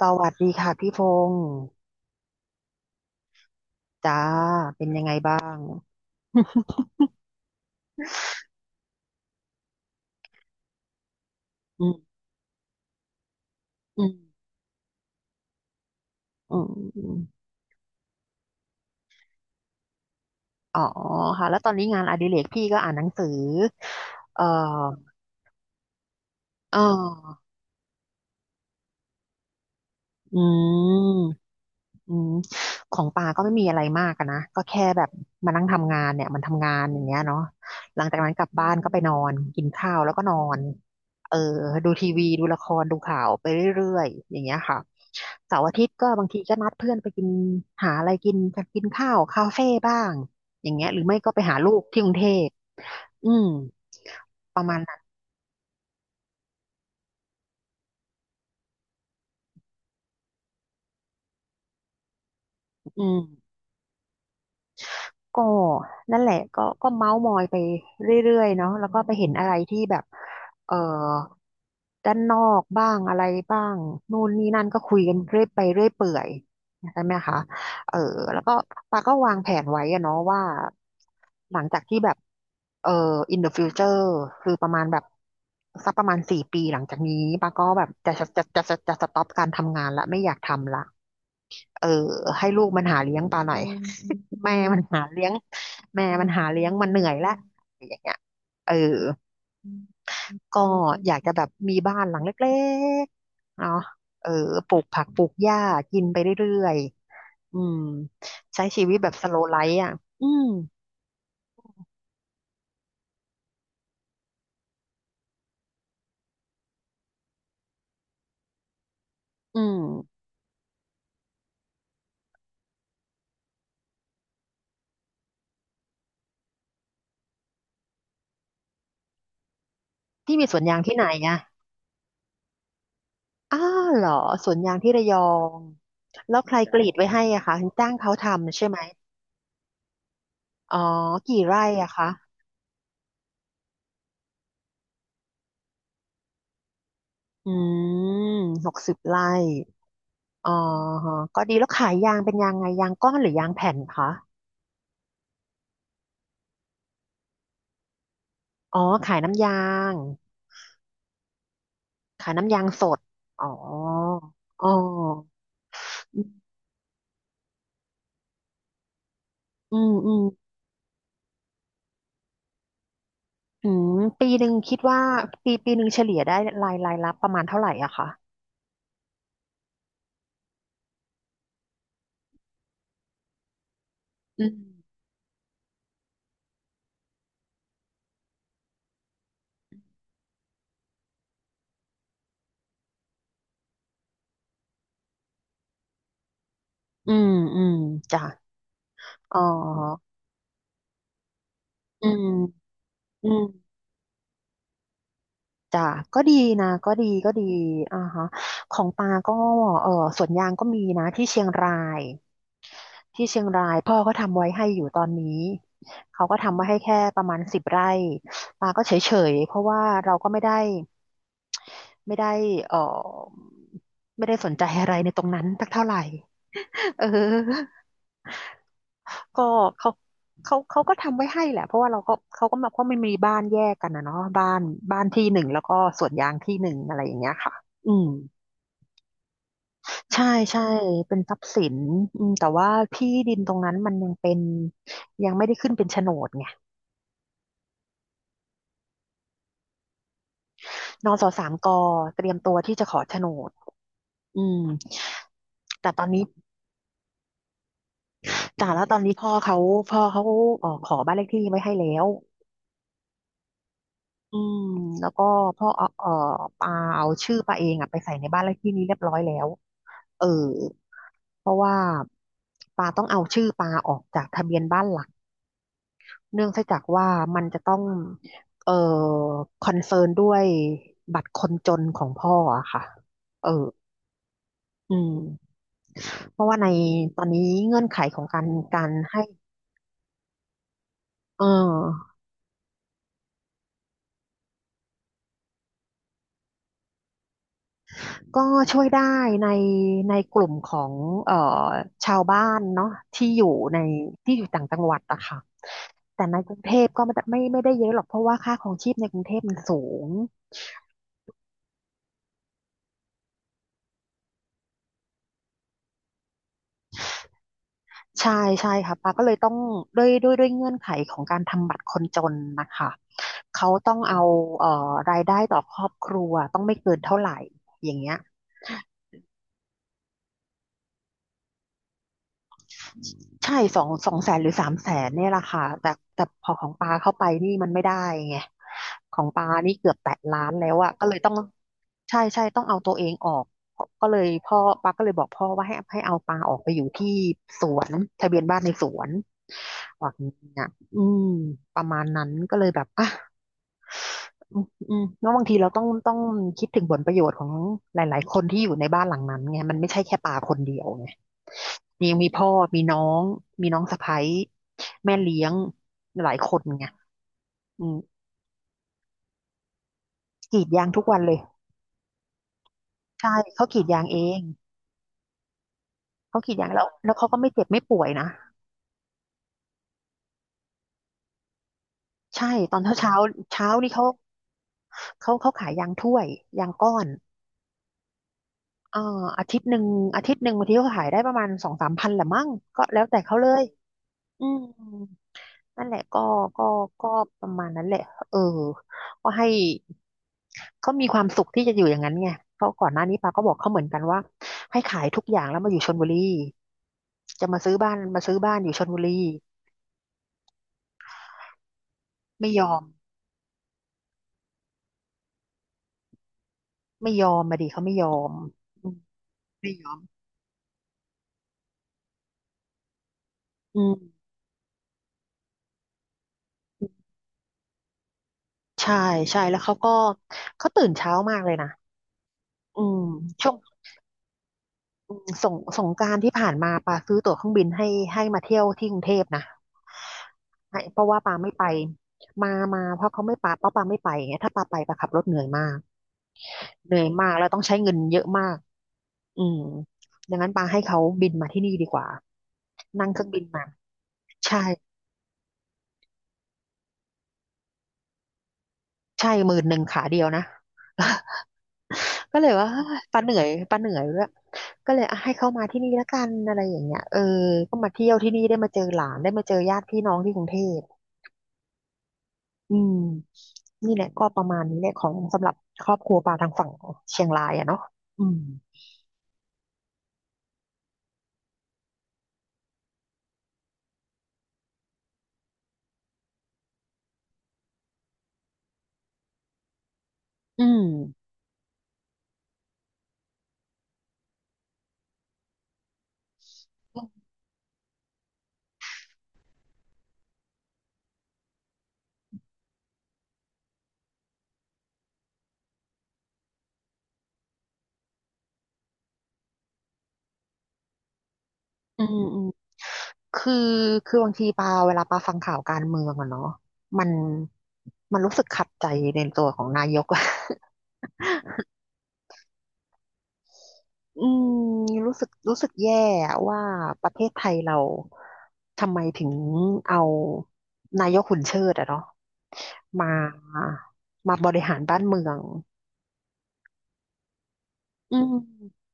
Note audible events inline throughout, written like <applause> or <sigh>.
สวัสดีค่ะพี่พงษ์จ้าเป็นยังไงบ้างอืมอืมอืมอืมอ๋อค่ะแล้วตอนนี้งานอดิเรกพี่ก็อ่านหนังสือเอ่อเอออืม อืมของปาก็ไม่มีอะไรมากอะนะก็แค่แบบมานั่งทำงานเนี่ยมันทำงานอย่างเงี้ยเนาะหลังจากนั้นกลับบ้านก็ไปนอนกินข้าวแล้วก็นอนเออดูทีวีดูละครดูข่าวไปเรื่อยๆอย่างเงี้ยค่ะเสาร์อาทิตย์ก็บางทีก็นัดเพื่อนไปกินหาอะไรกินกันกินข้าวคาเฟ่บ้างอย่างเงี้ยหรือไม่ก็ไปหาลูกที่กรุงเทพอืมประมาณนั้นอืม ก็นั่นแหละก็ก็เมาส์มอยไปเรื่อยๆเนาะแล้วก็ไปเห็นอะไรที่แบบเอ่อด้านนอกบ้างอะไรบ้างนู่นนี่นั่นก็คุยกันเรื่อยไปเรื่อยเปื่อยใช่ไหมคะเออแล้วก็ปาก็วางแผนไว้อะเนาะว่าหลังจากที่แบบเอ่อ in the future คือประมาณแบบสักประมาณ4 ปีหลังจากนี้ปาก็แบบจะสต็อปการทำงานละไม่อยากทำละ เออให้ลูกมันหาเลี้ยงปลาหน่อย <laughs> อืม <laughs> แม่มันหาเลี้ยงแม่มันหาเลี้ยงมันเหนื่อยละอย่างเงี้ยเออก็อยากจะแบบมีบ้านหลังเล็กๆเนาะเออปลูกผักปลูกหญ้ากินไปเรื่อยๆอืมใช้ชีวิตแบบสโลว์ไลฟ์อ่ะอืมอืมที่มีสวนยางที่ไหนอ่ะอ้าวเหรอสวนยางที่ระยองแล้วใครกรีดไว้ให้อะคะจ้างเขาทำใช่ไหมอ๋อกี่ไร่อะคะ อืม60 ไร่อ๋อฮะก็ดีแล้วขายยางเป็นยางไงยางก้อนหรือยางแผ่นคะอ๋อขายน้ำยาง ขายน้ำยางสดอ๋ออ๋ออืมอืมอืมปีหนึ่งคิดว่าปีหนึ่งเฉลี่ยได้รายรับประมาณเท่าไหร่อะคะอืมอืมอืมจ้ะอ๋ออืมอืมจ้ะก็ดีนะก็ดีก็ดีอ่าฮะของปาก็เออสวนยางก็มีนะที่เชียงราย ที่เชียงรายพ่อก็ทำไว้ให้อยู่ตอนนี้เขาก็ทำไว้ให้แค่ประมาณสิบไร่ปาก็เฉยๆเพราะว่าเราก็ไม่ได้เออไม่ได้สนใจอะไรในตรงนั้นสักเท่าไหร่เออก็เขาเขาก็ทำไว้ให้แหละเพราะว่าเราก็เขาก็มาเพราะมันมีบ้านแยกกันนะเนาะบ้านที่หนึ่งแล้วก็สวนยางที่หนึ่งอะไรอย่างเงี้ยค่ะอืมใช่ใช่เป็นทรัพย์สินอืมแต่ว่าที่ดินตรงนั้นมันยังเป็นยังไม่ได้ขึ้นเป็นโฉนดไง นสสามกเตรียมตัวที่จะขอโฉนดอืมแต่ตอนนี้แต่แล้วตอนนี้พ่อเขาขอบ้านเลขที่ไว้ให้แล้วอืมแล้วก็พ่อปาเอาชื่อปาเองอะไปใส่ในบ้านเลขที่นี้เรียบร้อยแล้วเออเพราะว่าปาต้องเอาชื่อปาออกจากทะเบียนบ้านหลักเนื่องจากว่ามันจะต้องเอ่อคอนเซิร์นด้วยบัตรคนจนของพ่ออะค่ะเอออืม เพราะว่าในตอนนี้เงื่อนไขของการให้เออก็ช่วยได้ในกลุ่มของเอ่อชาวบ้านเนาะที่อยู่ในที่อยู่ต่างจังหวัดอะค่ะแต่ในกรุงเทพก็ไม่ได้เยอะหรอกเพราะว่าค่าครองชีพในกรุงเทพมันสูงใช่ใช่ค่ะปาก็เลยต้องด้วยเงื่อนไขของการทำบัตรคนจนนะคะเขาต้องเอาเอ่อรายได้ต่อครอบครัวต้องไม่เกินเท่าไหร่อย่างเงี้ย ใช่200,000หรือ300,000เนี่ยแหละค่ะแต่แต่พอของปาเข้าไปนี่มันไม่ได้ไงของปานี่เกือบแตะล้านแล้วอะก็เลยต้องใช่ใช่ต้องเอาตัวเองออกเพราะก็เลยพ่อปาก็เลยบอกพ่อว่าให้เอาปาออกไปอยู่ที่สวนทะเบียนบ้านในสวนว่าอย่างนี้ยอืมประมาณนั้นก็เลยแบบอ่ะ อืมาะแล้วบางทีเราต้องคิดถึงผลประโยชน์ของหลายๆคนที่อยู่ในบ้านหลังนั้นไงมันไม่ใช่แค่ปาคนเดียวไงยังมีพ่อมีน้องมีน้องสะใภ้แม่เลี้ยงหลายคนไงอืมกรีดยางทุกวันเลยใช่เขากรีดยางเองเขากรีดยางแล้วแล้วเขาก็ไม่เจ็บไม่ป่วยนะใช่ตอนเช้าเช้าเช้านี่เขาขายยางถ้วยยางก้อนเอ่ออาทิตย์หนึ่งบางทีเขาขายได้ประมาณสองสามพันแหละมั้งก็แล้วแต่เขาเลยอืม นั่นแหละก็ก็ก็ประมาณนั้นแหละเออก็ให้เขามีความสุขที่จะอยู่อย่างนั้นไงเพราะก่อนหน้านี้ปาก็บอกเขาเหมือนกันว่าให้ขายทุกอย่างแล้วมาอยู่ชลบุรีจะมาซื้อบ้านอยู่ชลบุรีไม่ยอมไม่ยอมมาดิเขาไม่ยอมอืมไม่ยอมอืมใช่ใช่แล้วเขาก็เขาตื่นเช้ามากเลยนะอืมช่วง อืมสงกรานต์ที่ผ่านมาปาซื้อตั๋วเครื่องบินให้ให้มาเที่ยวที่กรุงเทพนะให้เพราะว่าปาไม่ไปมามาเพราะเขาไม่ปาเพราะปาไม่ไปไงถ้าปาไปปาขับรถเหนื่อยมากเหนื่อยมากแล้วต้องใช้เงินเยอะมากอืมดังนั้นปาให้เขาบินมาที่นี่ดีกว่านั่งเครื่องบินมาใช่ใช่10,000ขาเดียวนะ <laughs> ก็เลยว่าเฮ้ยปาเหนื่อยด้วยก็เลยอ่ะให้เขามาที่นี่แล้วกันอะไรอย่างเงี้ยเออก็มาเที่ยวที่นี่ได้มาเจอหลานได้มาเจอญาติพี่น้องที่กรุงเทพ อืมนี่แหละก็ประมาณนี้แหละของสำหรับครอบครัวปลาทางฝั่งเชียงรายอะเนาะอืมอืมอืมอืมคือคือบางทีปาเวลาปาฟังข่าวการเมืองอะเนาะมันมันรู้สึกขัดใจในตัวของนายกอะ <laughs> อืมรู้สึกรู้สึกแย่อะว่าประเทศไทยเราทำไมถึงเอานายกหุ่นเชิดอะเนาะมาบริหารบ้านเมืองอืม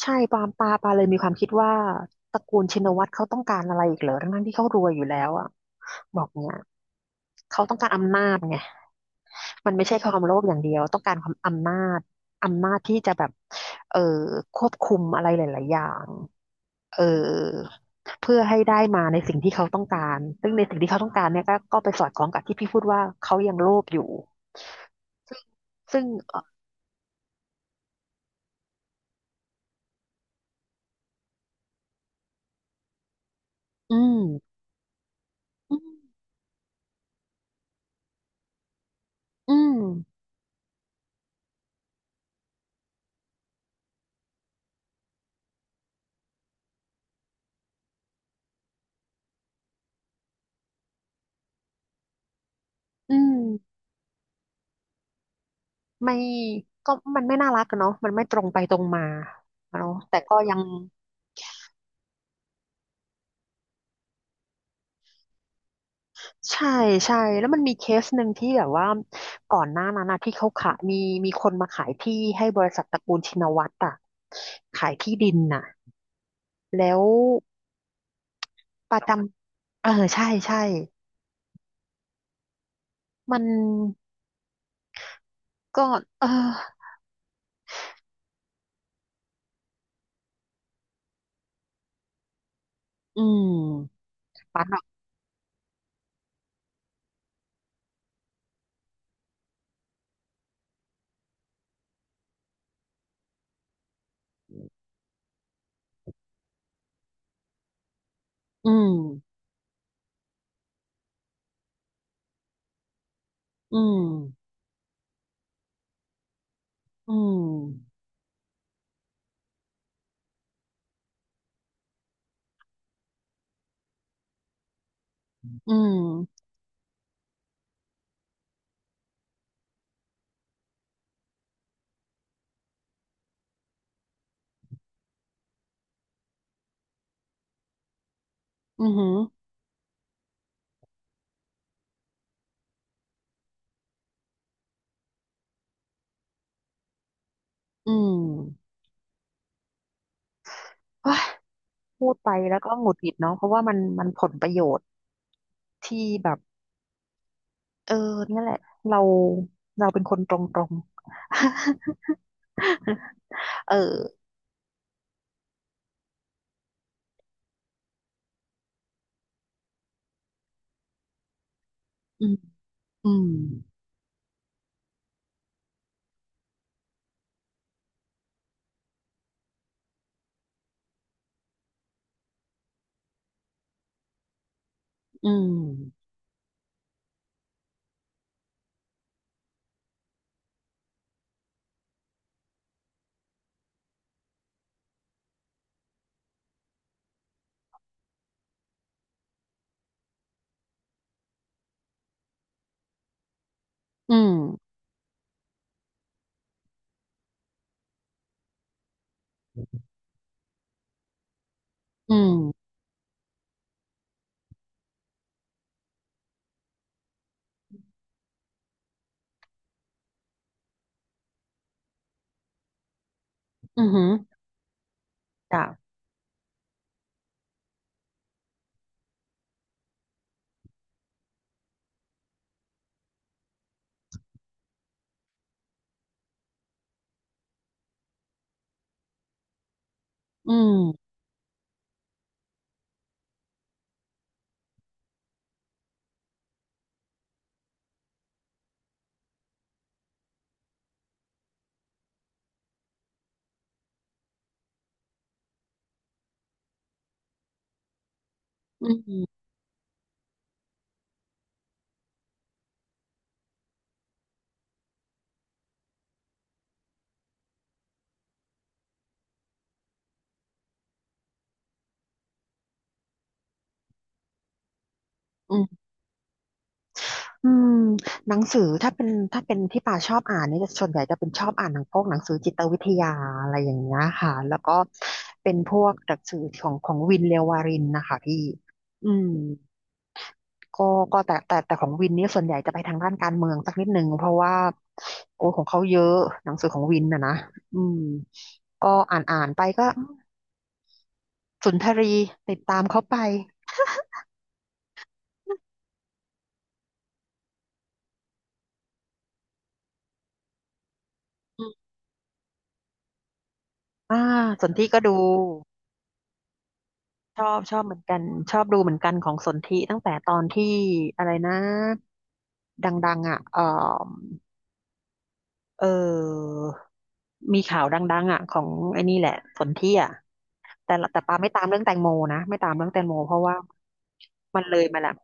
ใช่ปาเลยมีความคิดว่าตระกูลชินวัตรเขาต้องการอะไรอีกเหรอทั้งๆที่เขารวยอยู่แล้วอ่ะบอกเนี่ยเขาต้องการอำนาจไงมันไม่ใช่ความโลภอย่างเดียวต้องการความอำนาจอำนาจที่จะแบบเออควบคุมอะไรหลายๆอย่างเออเพื่อให้ได้มาในสิ่งที่เขาต้องการซึ่งในสิ่งที่เขาต้องการเนี่ยก็ไปสอดคล้องกับที่พี่พูดว่าเขายังโลภอยู่ซึ่งอืมอืมอืมอืม ไม่ก็มันไม่น่ารักกันเนาะมันไม่ตรงไปตรงมาเนาะแต่ก็ยังใช่ใช่แล้วมันมีเคสหนึ่งที่แบบว่าก่อนหน้านั้นนะที่เขาขายมีมีคนมาขายที่ให้บริษัทตระกูลชินวัตรอะขายที่ดินน่ะแล้วประจำเออใช่ใช่มันก็เอออืมปันหรอะอืมอืมอืมอืมอือหืออืม พูดไปแล้วก็หงุดหงิดเนาะเพราะว่ามันมันผลประโยชน์ที่แบบเออเนี่ยแหละเราเราเป็นคนตรงๆ <laughs> เอออืมอืมอืมอืมอืมอือหือจ้ะอืมอืมอืมอืมหนังสือถ้าเป็นที่ป่าชอบอ่านเนี่ยจะส่วนใหญ่จะเป็นชอบอ่านหนังพวกหนังสือจิตวิทยาอะไรอย่างเงี้ยค่ะแล้วก็เป็นพวกหนังสือของวินเลววารินนะคะพี่อืม ก็ก็แต่ของวินนี่ส่วนใหญ่จะไปทางด้านการเมืองสักนิดหนึงเพราะว่าโอ้ของเขาเยอะหนังสือของวินนะนะอืมก็อ่านอ่านไปก็สุนทรีติดตามเขาไปอืมอ่าสนธิก็ดูชอบชอบเหมือนกันชอบดูเหมือนกันของสนธิตั้งแต่ตอนที่อะไรนะดังๆอ่ะเออเออมีข่าวดังๆอ่ะของไอ้นี่แหละสนธิอ่ะแต่ละแต่ปาไม่ตามเรื่องแตงโมนะไม่ตามเรื่องแตงโมเพราะว่า มันเลยมาแล้ว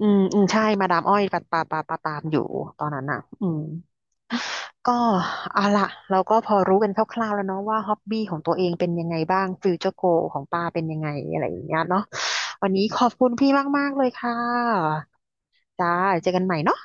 อืมอืมใช่ มาดามอ้อยปะปะปะปะตามอยู่ตอนนั้นอ่ะอืมก็เอาละ เราก็พอรู้กันคร่าวๆแล้วเนาะว่าฮ็อบบี้ของตัวเองเป็นยังไงบ้างฟิวเจอร์โกของป้าเป็นยังไงอะไรอย่างเงี้ยเนาะวันนี้ขอบคุณพี่มากๆเลยค่ะ จ้าเจอกันใหม่เนาะ